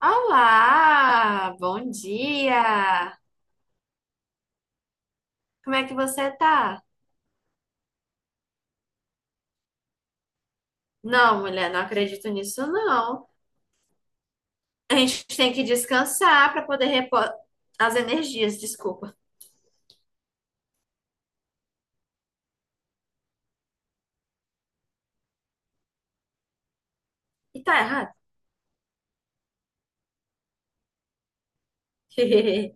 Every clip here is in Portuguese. Olá, bom dia! Como é que você tá? Não, mulher, não acredito nisso, não. A gente tem que descansar para poder repor as energias, desculpa. E tá errado?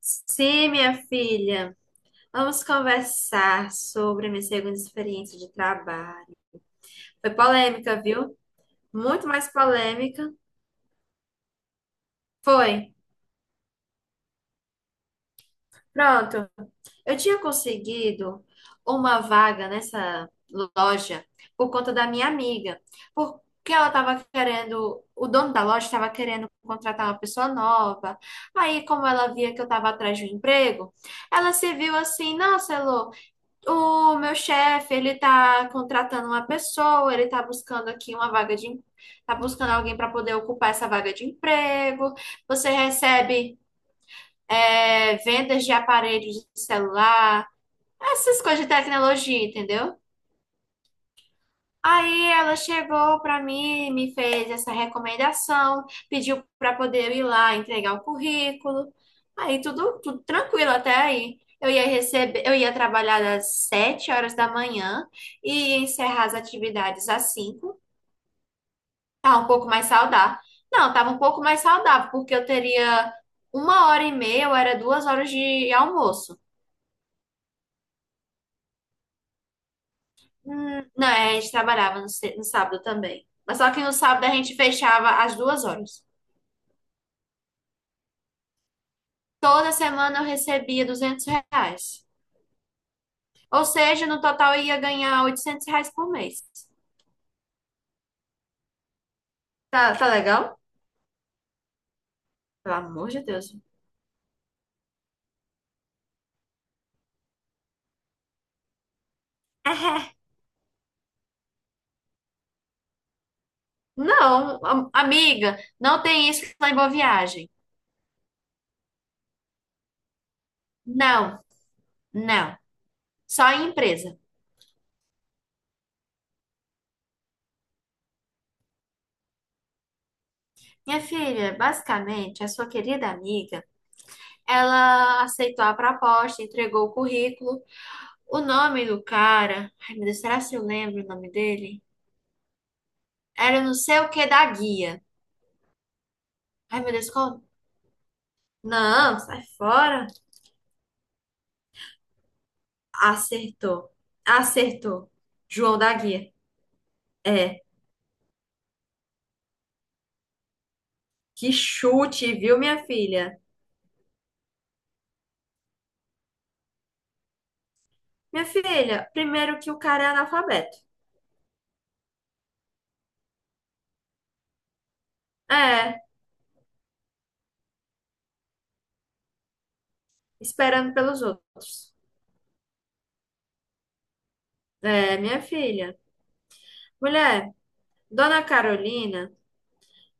Sim, minha filha, vamos conversar sobre a minha segunda experiência de trabalho. Foi polêmica, viu? Muito mais polêmica. Foi. Pronto. Eu tinha conseguido uma vaga nessa loja por conta da minha amiga, porque ela estava querendo, o dono da loja estava querendo contratar uma pessoa nova. Aí, como ela via que eu estava atrás de um emprego, ela se viu assim: nossa, Elô, o meu chefe, ele tá contratando uma pessoa, ele tá buscando aqui uma vaga de, tá buscando alguém para poder ocupar essa vaga de emprego. Você recebe. É, vendas de aparelhos de celular, essas coisas de tecnologia, entendeu? Aí ela chegou para mim, me fez essa recomendação, pediu para poder eu ir lá entregar o currículo. Aí tudo, tudo tranquilo até aí. Eu ia receber, eu ia trabalhar das 7 horas da manhã e ia encerrar as atividades às 5. Tá um pouco mais saudável. Não, tava um pouco mais saudável, porque eu teria uma hora e meia, ou era 2 horas de almoço. Não, é, a gente trabalhava no, no sábado também. Mas só que no sábado a gente fechava às 2 horas. Toda semana eu recebia R$ 200. Ou seja, no total eu ia ganhar R$ 800 por mês. Tá, tá legal? Pelo amor de Deus. Não, amiga, não tem isso lá em Boa Viagem. Não, não. Só em empresa. Minha filha, basicamente, a sua querida amiga, ela aceitou a proposta, entregou o currículo. O nome do cara, ai meu Deus, será se eu lembro o nome dele? Era não sei o que da guia. Ai meu Deus, qual? Não, sai fora. Acertou. Acertou. João da Guia. É, que chute, viu, minha filha? Minha filha, primeiro que o cara é analfabeto. É, esperando pelos outros. É, minha filha. Mulher, Dona Carolina.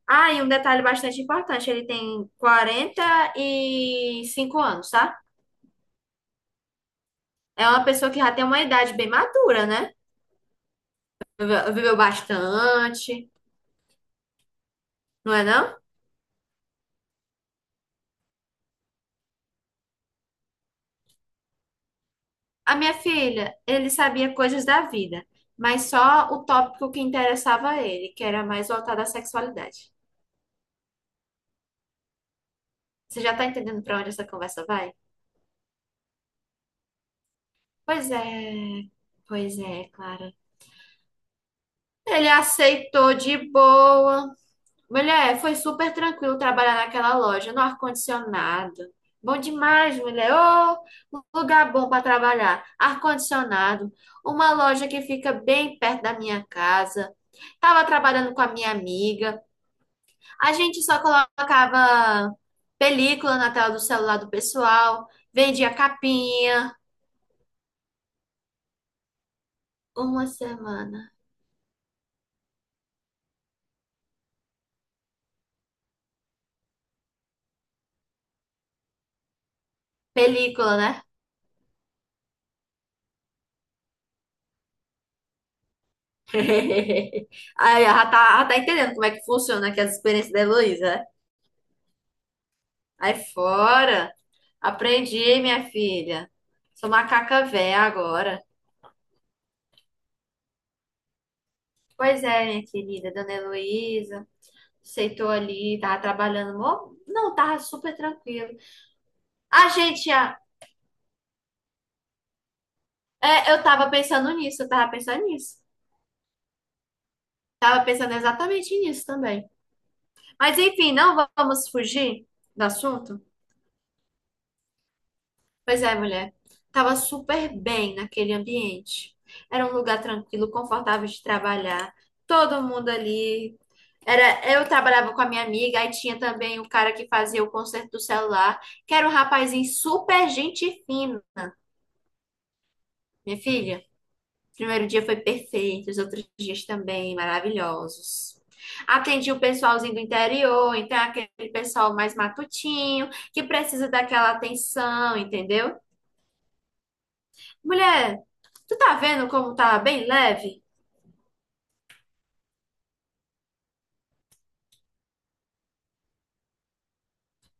Ah, e um detalhe bastante importante, ele tem 45 anos, tá? É uma pessoa que já tem uma idade bem madura, né? Viveu bastante, não é não? A minha filha, ele sabia coisas da vida, mas só o tópico que interessava a ele, que era mais voltado à sexualidade. Você já tá entendendo pra onde essa conversa vai? Pois é, pois é, Clara. Ele aceitou de boa. Mulher, foi super tranquilo trabalhar naquela loja, no ar-condicionado. Bom demais, mulher. Ô, um lugar bom para trabalhar. Ar-condicionado. Uma loja que fica bem perto da minha casa. Tava trabalhando com a minha amiga. A gente só colocava película na tela do celular do pessoal. Vendia capinha. Uma semana. Película, né? Aí, ela tá entendendo como é que funciona aqui as experiências da Heloísa, né? Aí fora. Aprendi, minha filha. Sou macaca véia agora. Pois é, minha querida, dona Heloísa. Aceitou ali, tava trabalhando. Não, tava super tranquilo. A gente, ah, é, eu tava pensando nisso, eu tava pensando nisso. Tava pensando exatamente nisso também. Mas enfim, não vamos fugir do assunto? Pois é, mulher. Tava super bem naquele ambiente. Era um lugar tranquilo, confortável de trabalhar. Todo mundo ali. Era, eu trabalhava com a minha amiga, aí tinha também o cara que fazia o conserto do celular, que era um rapazinho super gente fino. Minha filha, o primeiro dia foi perfeito, os outros dias também maravilhosos. Atendi o pessoalzinho do interior, então é aquele pessoal mais matutinho, que precisa daquela atenção, entendeu? Mulher, tu tá vendo como tá bem leve?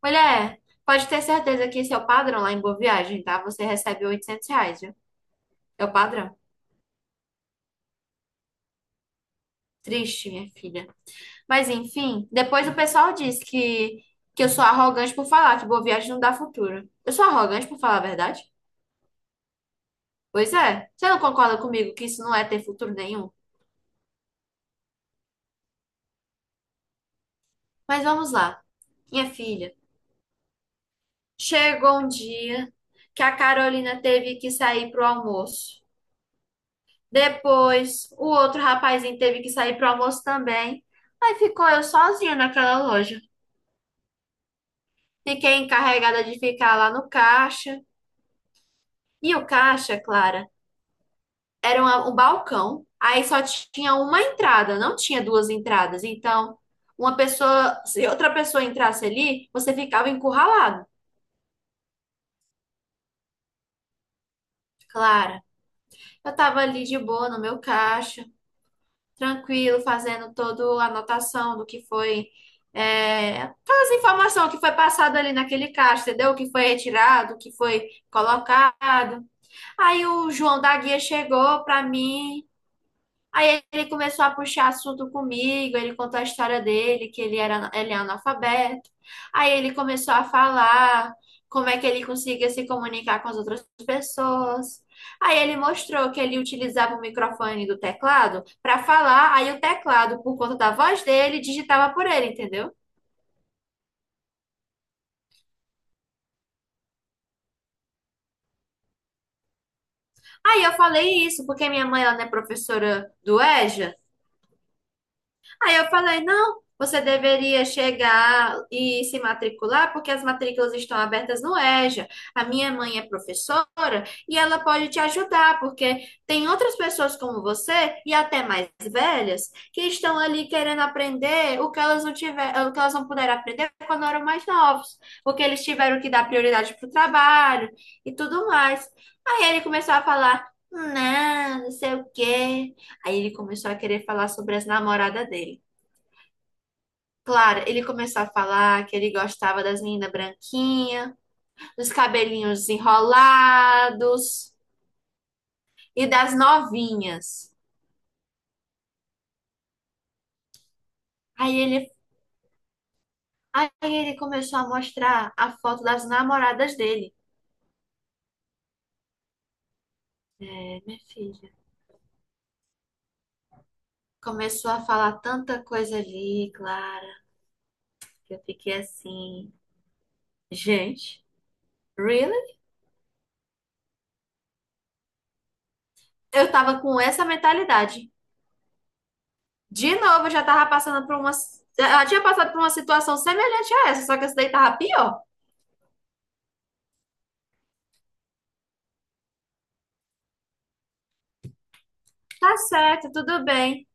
Mulher, pode ter certeza que esse é o padrão lá em Boa Viagem, tá? Você recebe R$ 800, viu? É o padrão. Triste, minha filha. Mas enfim, depois o pessoal diz que eu sou arrogante por falar que Boa Viagem não dá futuro. Eu sou arrogante por falar a verdade? Pois é. Você não concorda comigo que isso não é ter futuro nenhum? Mas vamos lá. Minha filha, chegou um dia que a Carolina teve que sair pro almoço. Depois, o outro rapazinho teve que sair pro almoço também. Aí ficou eu sozinha naquela loja. Fiquei encarregada de ficar lá no caixa. E o caixa, Clara, era um balcão. Aí só tinha uma entrada, não tinha duas entradas. Então, uma pessoa, se outra pessoa entrasse ali, você ficava encurralado. Clara, eu tava ali de boa no meu caixa, tranquilo, fazendo toda a anotação do que foi, é, todas as informações que foi passado ali naquele caixa, entendeu? O que foi retirado, o que foi colocado. Aí o João da Guia chegou para mim. Aí ele começou a puxar assunto comigo, ele contou a história dele, que ele era, ele é analfabeto. Aí ele começou a falar como é que ele conseguia se comunicar com as outras pessoas. Aí ele mostrou que ele utilizava o microfone do teclado para falar, aí o teclado, por conta da voz dele, digitava por ele, entendeu? Aí eu falei isso, porque minha mãe ela não é professora do EJA. Aí eu falei, não, você deveria chegar e se matricular, porque as matrículas estão abertas no EJA. A minha mãe é professora e ela pode te ajudar, porque tem outras pessoas como você, e até mais velhas, que estão ali querendo aprender o que elas não tiver, o que elas não puderam aprender quando eram mais novos, porque eles tiveram que dar prioridade para o trabalho e tudo mais. Aí ele começou a falar, não, não sei o quê. Aí ele começou a querer falar sobre as namoradas dele. Claro, ele começou a falar que ele gostava das meninas branquinhas, dos cabelinhos enrolados e das novinhas. Aí ele, aí ele começou a mostrar a foto das namoradas dele. É, minha filha. Começou a falar tanta coisa ali, Clara, que eu fiquei assim, gente, really? Eu tava com essa mentalidade. De novo, eu já tava passando por uma, eu já tinha passado por uma situação semelhante a essa, só que essa daí tava pior. Tá certo, tudo bem.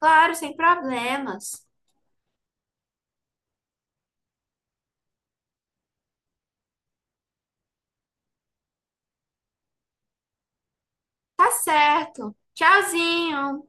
Claro, sem problemas. Tá certo. Tchauzinho.